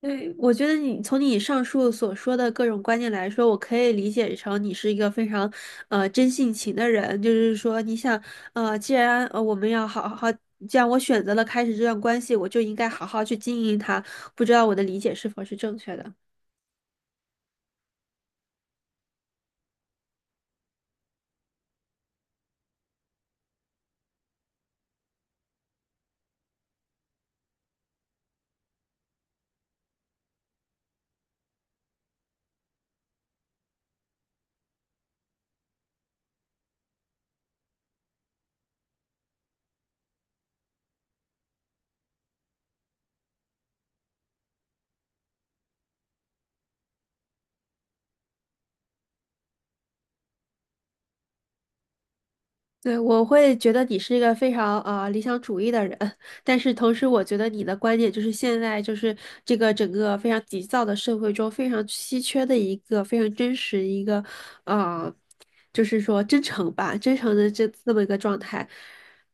对，我觉得你从你上述所说的各种观念来说，我可以理解成你是一个非常，真性情的人。就是说，你想，我们要好好，既然我选择了开始这段关系，我就应该好好去经营它。不知道我的理解是否是正确的？对，我会觉得你是一个非常啊理想主义的人，但是同时我觉得你的观点就是现在就是整个非常急躁的社会中非常稀缺的一个非常真实一个啊，就是说真诚吧，真诚的这么一个状态，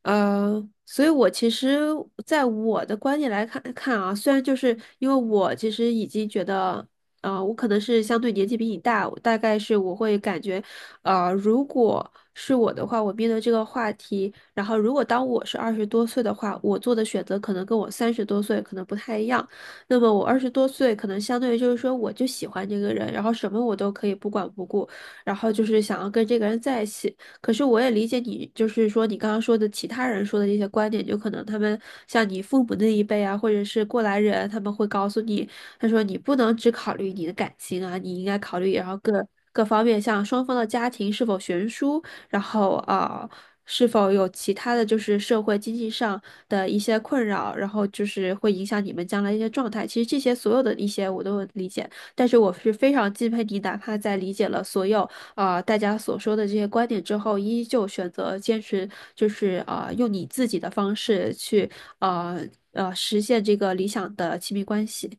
所以我其实在我的观点来看啊，虽然就是因为我其实已经觉得。我可能是相对年纪比你大，我大概是我会感觉，如果是我的话，我面对这个话题，然后如果当我是二十多岁的话，我做的选择可能跟我三十多岁可能不太一样。那么我二十多岁可能相对于就是说，我就喜欢这个人，然后什么我都可以不管不顾，然后就是想要跟这个人在一起。可是我也理解你，就是说你刚刚说的其他人说的这些观点，就可能他们像你父母那一辈啊，或者是过来人，他们会告诉你。他说你不能只考虑你的感情啊，你应该考虑然后各方面，像双方的家庭是否悬殊，然后是否有其他的就是社会经济上的一些困扰，然后就是会影响你们将来一些状态。其实这些所有的一些我都能理解，但是我是非常敬佩你，哪怕在理解了所有大家所说的这些观点之后，依旧选择坚持，就是用你自己的方式去啊实现这个理想的亲密关系。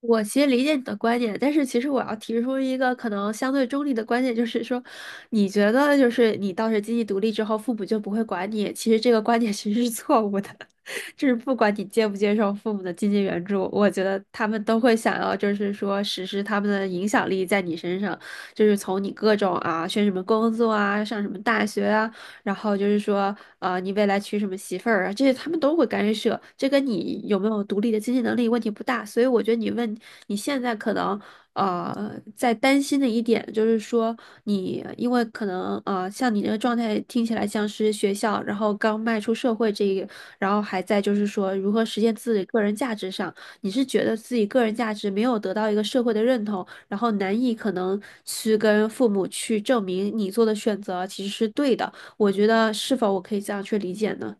我其实理解你的观点，但是其实我要提出一个可能相对中立的观点，就是说，你觉得就是你到时经济独立之后，父母就不会管你，其实这个观点其实是错误的，就是不管你接不接受父母的经济援助，我觉得他们都会想要就是说实施他们的影响力在你身上，就是从你各种啊选什么工作啊，上什么大学啊。然后就是说，你未来娶什么媳妇儿啊，这些他们都会干涉，这跟你有没有独立的经济能力问题不大。所以我觉得你问你现在可能在担心的一点就是说你，因为可能像你这个状态听起来像是学校，然后刚迈出社会这一个，然后还在就是说如何实现自己个人价值上，你是觉得自己个人价值没有得到一个社会的认同，然后难以可能去跟父母去证明你做的选择其实是对的。我觉得是否我可以这样去理解呢？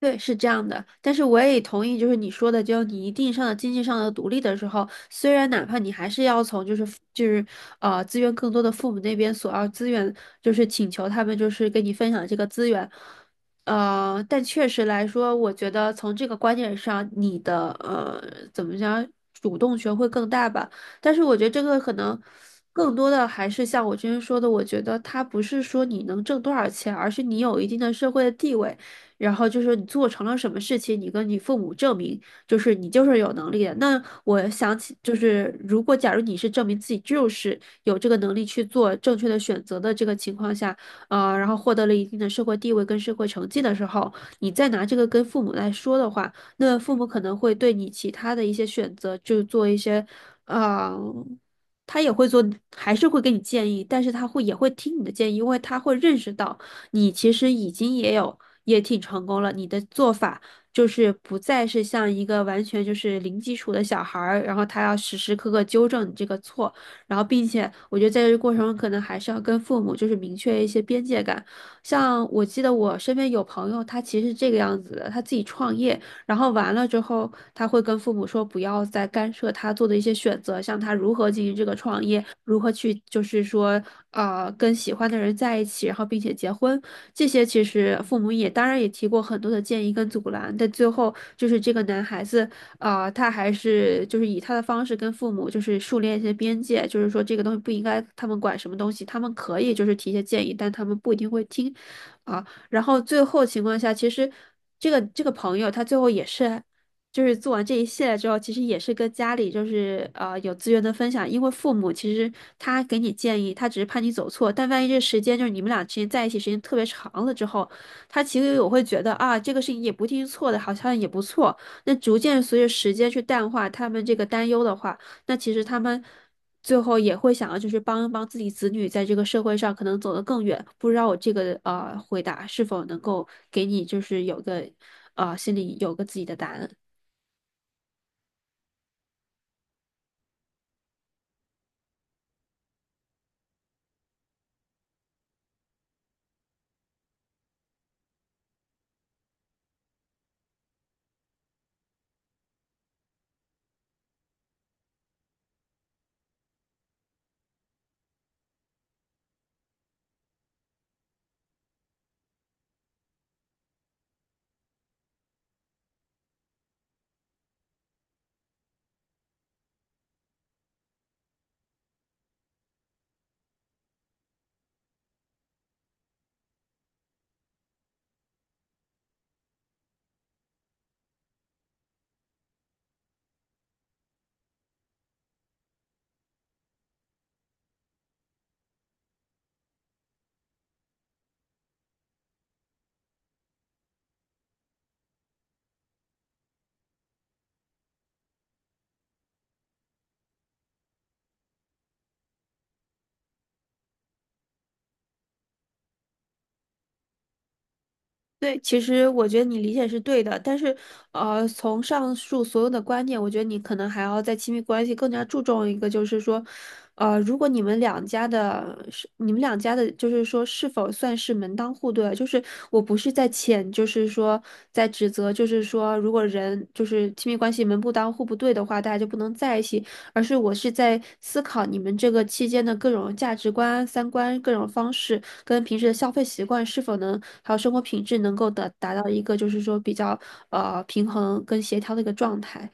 对，是这样的，但是我也同意，就是你说的，就你一定上的经济上的独立的时候，虽然哪怕你还是要从就是资源更多的父母那边索要资源，就是请求他们就是跟你分享这个资源，但确实来说，我觉得从这个观点上，你的怎么讲，主动权会更大吧。但是我觉得这个可能更多的还是像我之前说的，我觉得它不是说你能挣多少钱，而是你有一定的社会的地位。然后就是你做成了什么事情，你跟你父母证明，就是你就是有能力的。那我想起，就是如果假如你是证明自己就是有这个能力去做正确的选择的这个情况下，然后获得了一定的社会地位跟社会成绩的时候，你再拿这个跟父母来说的话，那父母可能会对你其他的一些选择，就做一些，啊，他也会做，还是会给你建议，但是他会也会听你的建议，因为他会认识到。你其实已经也有也挺成功了。你的做法就是不再是像一个完全就是零基础的小孩儿，然后他要时时刻刻纠正你这个错，然后并且我觉得在这个过程中可能还是要跟父母就是明确一些边界感。像我记得我身边有朋友，他其实是这个样子的，他自己创业。然后完了之后，他会跟父母说不要再干涉他做的一些选择，像他如何进行这个创业，如何去就是说跟喜欢的人在一起，然后并且结婚，这些其实父母也当然也提过很多的建议跟阻拦，但最后就是这个男孩子他还是就是以他的方式跟父母就是树立一些边界，就是说这个东西不应该他们管什么东西，他们可以就是提一些建议，但他们不一定会听。啊。然后最后情况下，其实这个朋友他最后也是，就是做完这一系列之后，其实也是跟家里就是有资源的分享，因为父母其实他给你建议，他只是怕你走错，但万一这时间就是你们俩之间在一起时间特别长了之后，他其实我会觉得啊，这个事情也不一定是错的，好像也不错。那逐渐随着时间去淡化他们这个担忧的话，那其实他们。最后也会想要就是帮一帮自己子女在这个社会上可能走得更远。不知道我这个回答是否能够给你就是有个心里有个自己的答案。对，其实我觉得你理解是对的，但是，从上述所有的观点，我觉得你可能还要在亲密关系更加注重一个，就是说，如果你们两家的，就是说是否算是门当户对啊，就是我不是在谴，就是说在指责，就是说如果人就是亲密关系门不当户不对的话，大家就不能在一起。而是我是在思考你们这个期间的各种价值观、三观、各种方式，跟平时的消费习惯是否能，还有生活品质能够的达到一个就是说比较平衡跟协调的一个状态。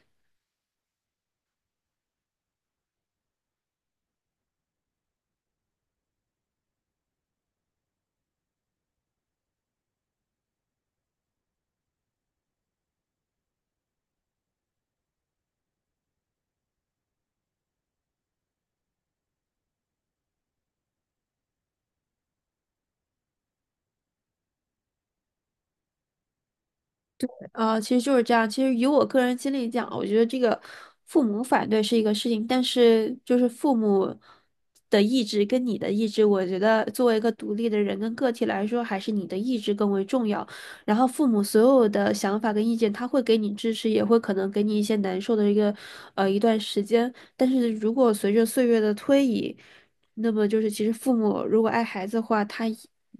其实就是这样。其实以我个人经历讲，我觉得这个父母反对是一个事情，但是就是父母的意志跟你的意志，我觉得作为一个独立的人跟个体来说，还是你的意志更为重要。然后父母所有的想法跟意见，他会给你支持，也会可能给你一些难受的一个一段时间。但是如果随着岁月的推移，那么就是其实父母如果爱孩子的话，他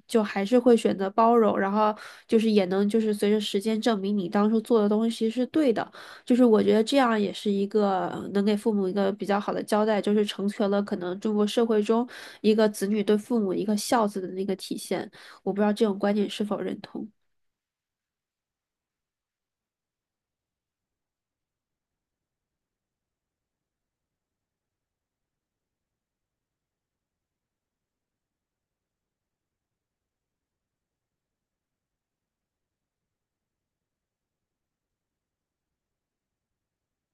就还是会选择包容，然后就是也能就是随着时间证明你当初做的东西是对的，就是我觉得这样也是一个能给父母一个比较好的交代，就是成全了可能中国社会中一个子女对父母一个孝子的那个体现，我不知道这种观点是否认同。